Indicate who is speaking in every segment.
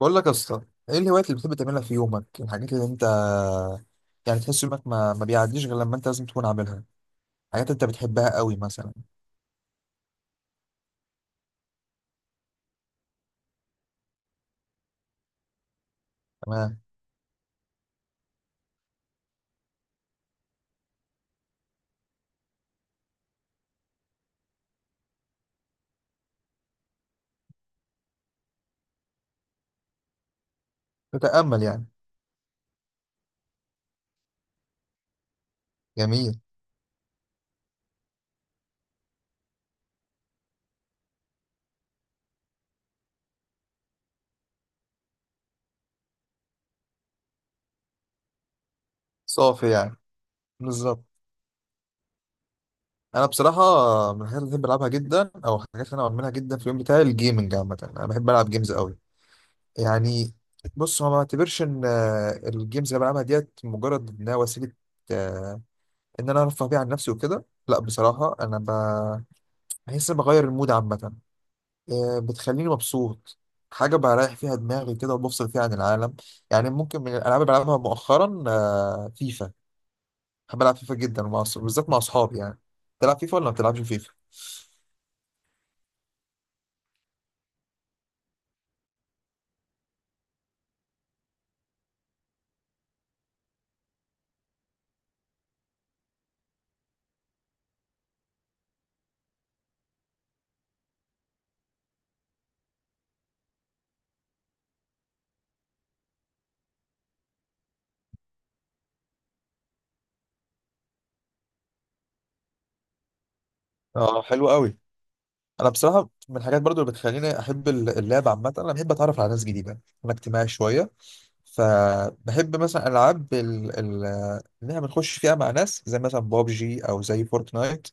Speaker 1: بقول لك يا اسطى، ايه الهوايات اللي بتحب تعملها في يومك؟ الحاجات اللي انت يعني تحس يومك ما بيعديش غير لما انت لازم تكون عاملها، حاجات انت بتحبها قوي مثلا. تمام. تتأمل يعني. جميل. صافي يعني. بالظبط. انا بصراحه من الحاجات اللي بحب العبها جدا او الحاجات اللي انا بعملها جدا في اليوم بتاعي الجيمنج عامه، انا بحب العب جيمز قوي يعني. بص، هو ما بعتبرش ان الجيمز اللي بلعبها ديت مجرد انها وسيله، آه، ان انا ارفه بيها عن نفسي وكده. لا بصراحه انا ب... بحس إن بغير المود عامه، بتخليني مبسوط. حاجة بريح فيها دماغي كده وبفصل فيها عن العالم يعني. ممكن من الألعاب اللي بلعبها مؤخرا فيفا. بحب ألعب فيفا جدا مع بالذات مع أصحابي يعني. تلعب فيفا ولا ما بتلعبش فيفا؟ اه حلو قوي. أنا بصراحة من الحاجات برضو اللي بتخليني أحب اللعب عامة، أنا بحب أتعرف على ناس جديدة. أنا اجتماعي شوية، فبحب مثلا ألعاب اللي احنا بنخش فيها مع ناس، زي مثلا بابجي أو زي فورتنايت.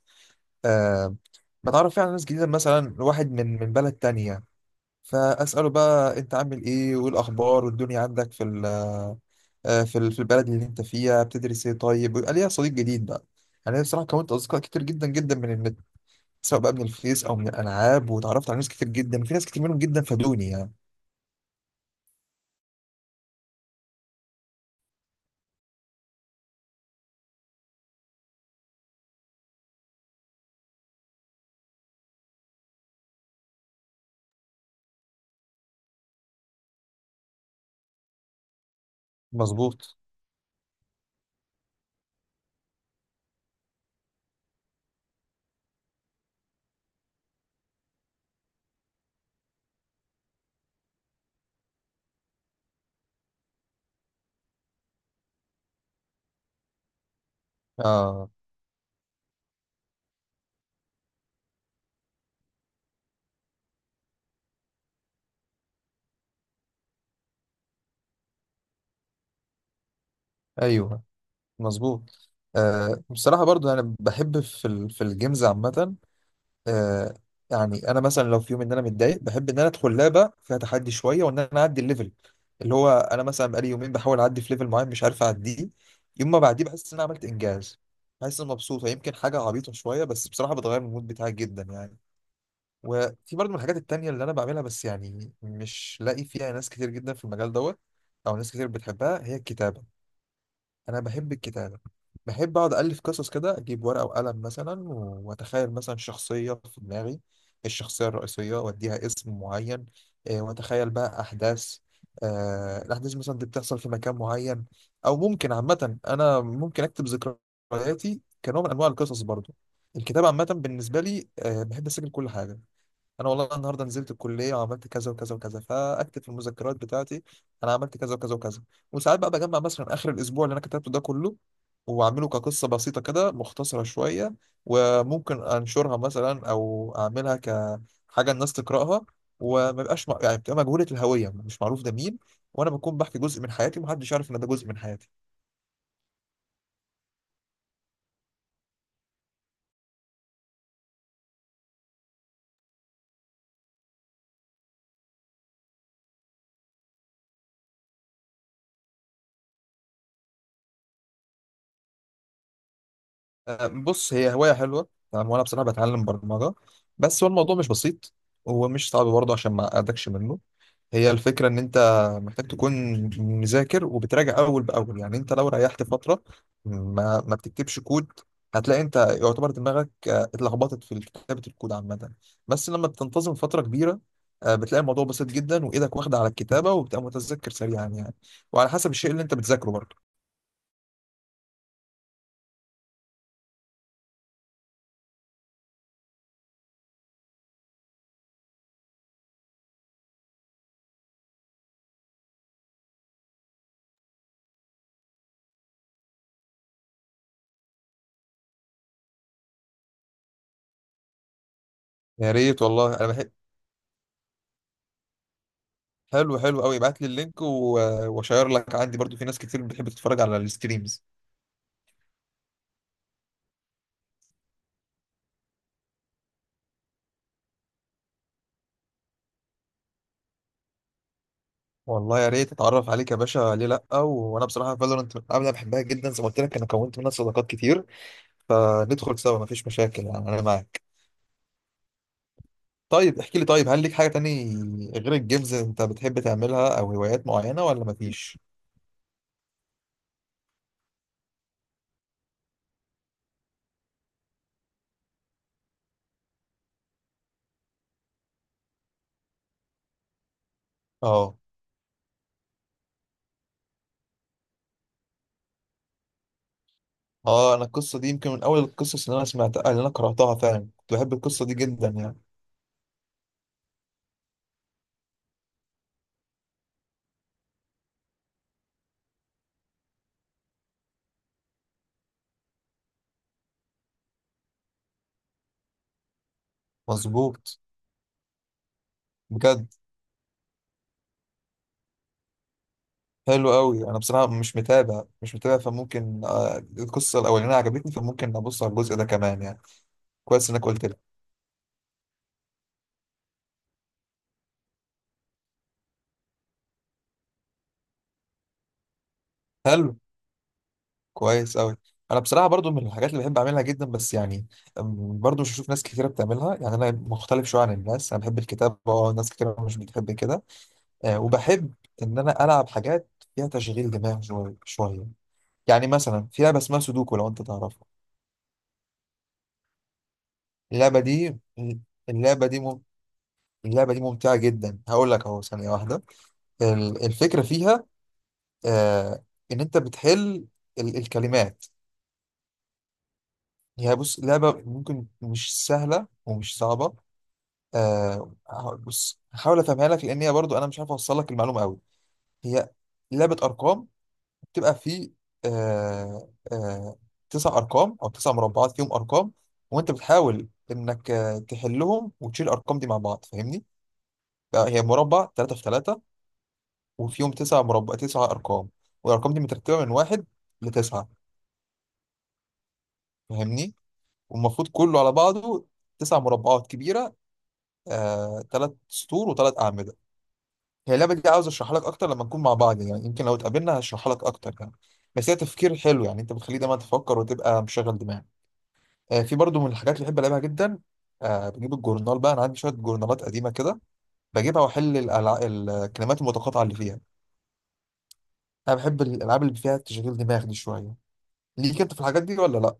Speaker 1: آه، بتعرف فيها على ناس جديدة، مثلا واحد من بلد تانية، فاساله بقى انت عامل ايه وايه الاخبار والدنيا عندك في في في البلد اللي انت فيها، بتدرس ايه؟ طيب، ويبقى ليا صديق جديد بقى. يعني انا بصراحه كونت اصدقاء كتير جدا جدا من النت، سواء بقى من الفيس او من الالعاب، وتعرفت على ناس كتير جدا، وفي ناس كتير منهم جدا فادوني يعني. مظبوط. اه، ايوه، مظبوط. بصراحه برضو انا بحب في في الجيمز عامه. آه يعني انا مثلا لو في يوم ان انا متضايق، بحب ان انا ادخل لعبه فيها تحدي شويه وان انا اعدي الليفل، اللي هو انا مثلا بقالي يومين بحاول اعدي في ليفل معين مش عارف اعديه، يوم ما بعديه بحس ان انا عملت انجاز، بحس ان مبسوطه. يمكن حاجه عبيطه شويه، بس بصراحه بتغير من المود بتاعي جدا يعني. وفي برضه من الحاجات التانية اللي انا بعملها، بس يعني مش لاقي فيها ناس كتير جدا في المجال دوت او ناس كتير بتحبها، هي الكتابه. انا بحب الكتابه، بحب اقعد الف قصص كده، اجيب ورقه وقلم مثلا واتخيل مثلا شخصيه في دماغي، الشخصيه الرئيسيه، واديها اسم معين. واتخيل بقى احداث، الاحداث مثلا دي بتحصل في مكان معين. او ممكن عامه انا ممكن اكتب ذكرياتي كنوع من انواع القصص برضو. الكتابه عامه بالنسبه لي، بحب اسجل كل حاجه. انا والله النهارده نزلت الكليه وعملت كذا وكذا وكذا، فاكتب في المذكرات بتاعتي انا عملت كذا وكذا وكذا. وساعات بقى بجمع مثلا اخر الاسبوع اللي انا كتبته ده كله، واعمله كقصه بسيطه كده مختصره شويه، وممكن انشرها مثلا او اعملها كحاجه الناس تقراها، وما يبقاش يعني بتبقى مجهوله الهويه، مش معروف ده مين، وانا بكون بحكي جزء من حياتي ومحدش يعرف ان ده جزء من حياتي. أه، بص، هي هوايه حلوه يعني، وانا بصراحه بتعلم برمجه. بس هو الموضوع مش بسيط، ومش صعب برضه عشان ما اقعدكش منه. هي الفكرة إن أنت محتاج تكون مذاكر وبتراجع أول بأول، يعني أنت لو ريحت فترة ما بتكتبش كود، هتلاقي أنت يعتبر دماغك اتلخبطت في كتابة الكود عامة. بس لما بتنتظم فترة كبيرة، بتلاقي الموضوع بسيط جدا، وإيدك واخدة على الكتابة، وبتبقى متذكر سريعا يعني، وعلى حسب الشيء اللي أنت بتذاكره برضه. يا ريت والله، أنا بحب. حلو، حلو قوي، ابعت لي اللينك وأشير لك. عندي برضه في ناس كتير بتحب تتفرج على الستريمز. والله يا ريت اتعرف عليك يا باشا، ليه لا؟ وانا بصراحه فالورنت من قبل انا بحبها جدا، زي ما قلت لك انا كونت منها صداقات كتير، فندخل سوا مفيش مشاكل يعني، انا معاك. طيب احكي لي، طيب هل ليك حاجه تاني غير الجيمز انت بتحب تعملها، او هوايات معينه ولا مفيش؟ اه، اه، انا القصه دي يمكن من اول القصص اللي انا سمعتها، اللي انا قراتها فعلا، كنت بحب القصه دي جدا يعني. مظبوط. بجد. حلو قوي. انا بصراحه مش متابع، مش متابع، فممكن القصه الاولانيه عجبتني، فممكن ابص على الجزء ده كمان يعني. كويس انك قلت لي. حلو، كويس أوي. أنا بصراحة برضو من الحاجات اللي بحب أعملها جدا، بس يعني برضو مش هشوف ناس كتيرة بتعملها، يعني أنا مختلف شوية عن الناس. أنا بحب الكتابة، أه، ناس كتيرة مش بتحب كده. أه، وبحب إن أنا ألعب حاجات فيها تشغيل دماغ شوية شوية، يعني مثلا في لعبة اسمها سودوكو، لو أنت تعرفها. اللعبة دي، اللعبة دي اللعبة دي ممتعة جدا، هقول لك أهو، ثانية واحدة. الفكرة فيها أه إن أنت بتحل الكلمات. هي بص، لعبة ممكن مش سهلة ومش صعبة. هقول- بص، هحاول افهمها لك لان هي برضو انا مش عارف اوصل لك المعلومه قوي. هي لعبه ارقام، بتبقى في آه آه تسع ارقام او تسع مربعات فيهم ارقام، وانت بتحاول انك تحلهم وتشيل الارقام دي مع بعض، فاهمني؟ بقى هي مربع 3 في 3، وفيهم تسع مربع، تسع ارقام، والارقام دي مترتبه من واحد لتسعه، فاهمني؟ والمفروض كله على بعضه تسع مربعات كبيره، ثلاث سطور وثلاث اعمده. هي اللعبة دي عاوز اشرحها لك اكتر لما نكون مع بعض، يعني يمكن لو اتقابلنا هشرحها لك اكتر يعني. بس هي تفكير حلو يعني، انت بتخليه دايما تفكر وتبقى مشغل دماغك. في برضو من الحاجات اللي بحب العبها جدا، بجيب الجورنال بقى، انا عندي شوية جورنالات قديمة كده، بجيبها واحل الكلمات المتقاطعة اللي فيها. انا بحب الالعاب اللي فيها تشغيل دماغ دي شوية. ليك انت في الحاجات دي ولا لا؟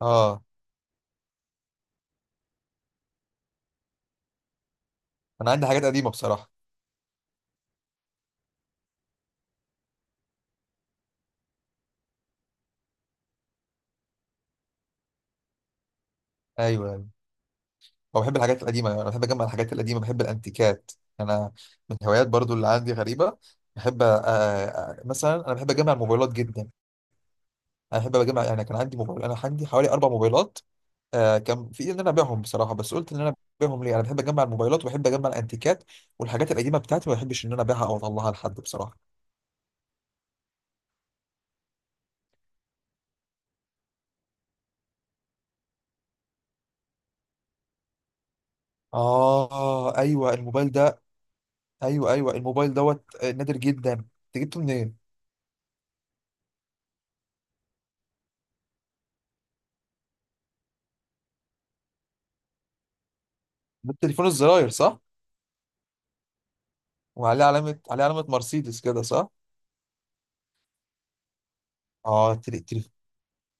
Speaker 1: اه، انا عندي حاجات قديمة بصراحة. ايوه، هو بحب الحاجات القديمة، أنا بحب أجمع الحاجات القديمة، بحب الأنتيكات. أنا من الهوايات برضو اللي عندي غريبة، بحب مثلا أنا بحب أجمع الموبايلات جدا. أنا بحب أجمع يعني، كان عندي موبايل، أنا عندي حوالي أربع موبايلات. كان في إيدي إن أنا أبيعهم بصراحة، بس قلت إن أنا أبيعهم ليه؟ أنا بحب أجمع الموبايلات وبحب أجمع الأنتيكات والحاجات القديمة بتاعتي، ما بحبش إن أنا أبيعها أو أطلعها لحد بصراحة. آه أيوه الموبايل ده. أيوه، أيوه، الموبايل دوت نادر جدا، أنت جبته منين؟ ده التليفون الزراير، صح؟ وعليه علامة، عليه علامة مرسيدس كده، صح؟ اه، تلي تلي،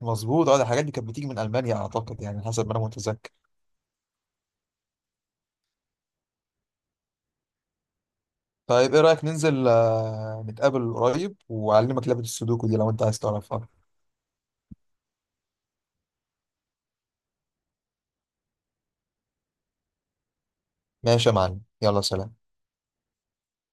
Speaker 1: مظبوط. اه، ده الحاجات دي كانت بتيجي من المانيا اعتقد، يعني حسب ما انا متذكر. طيب ايه رايك ننزل نتقابل قريب واعلمك لعبه السودوكو دي لو انت عايز تعرفها. ماشي يا معلم، يلا سلام.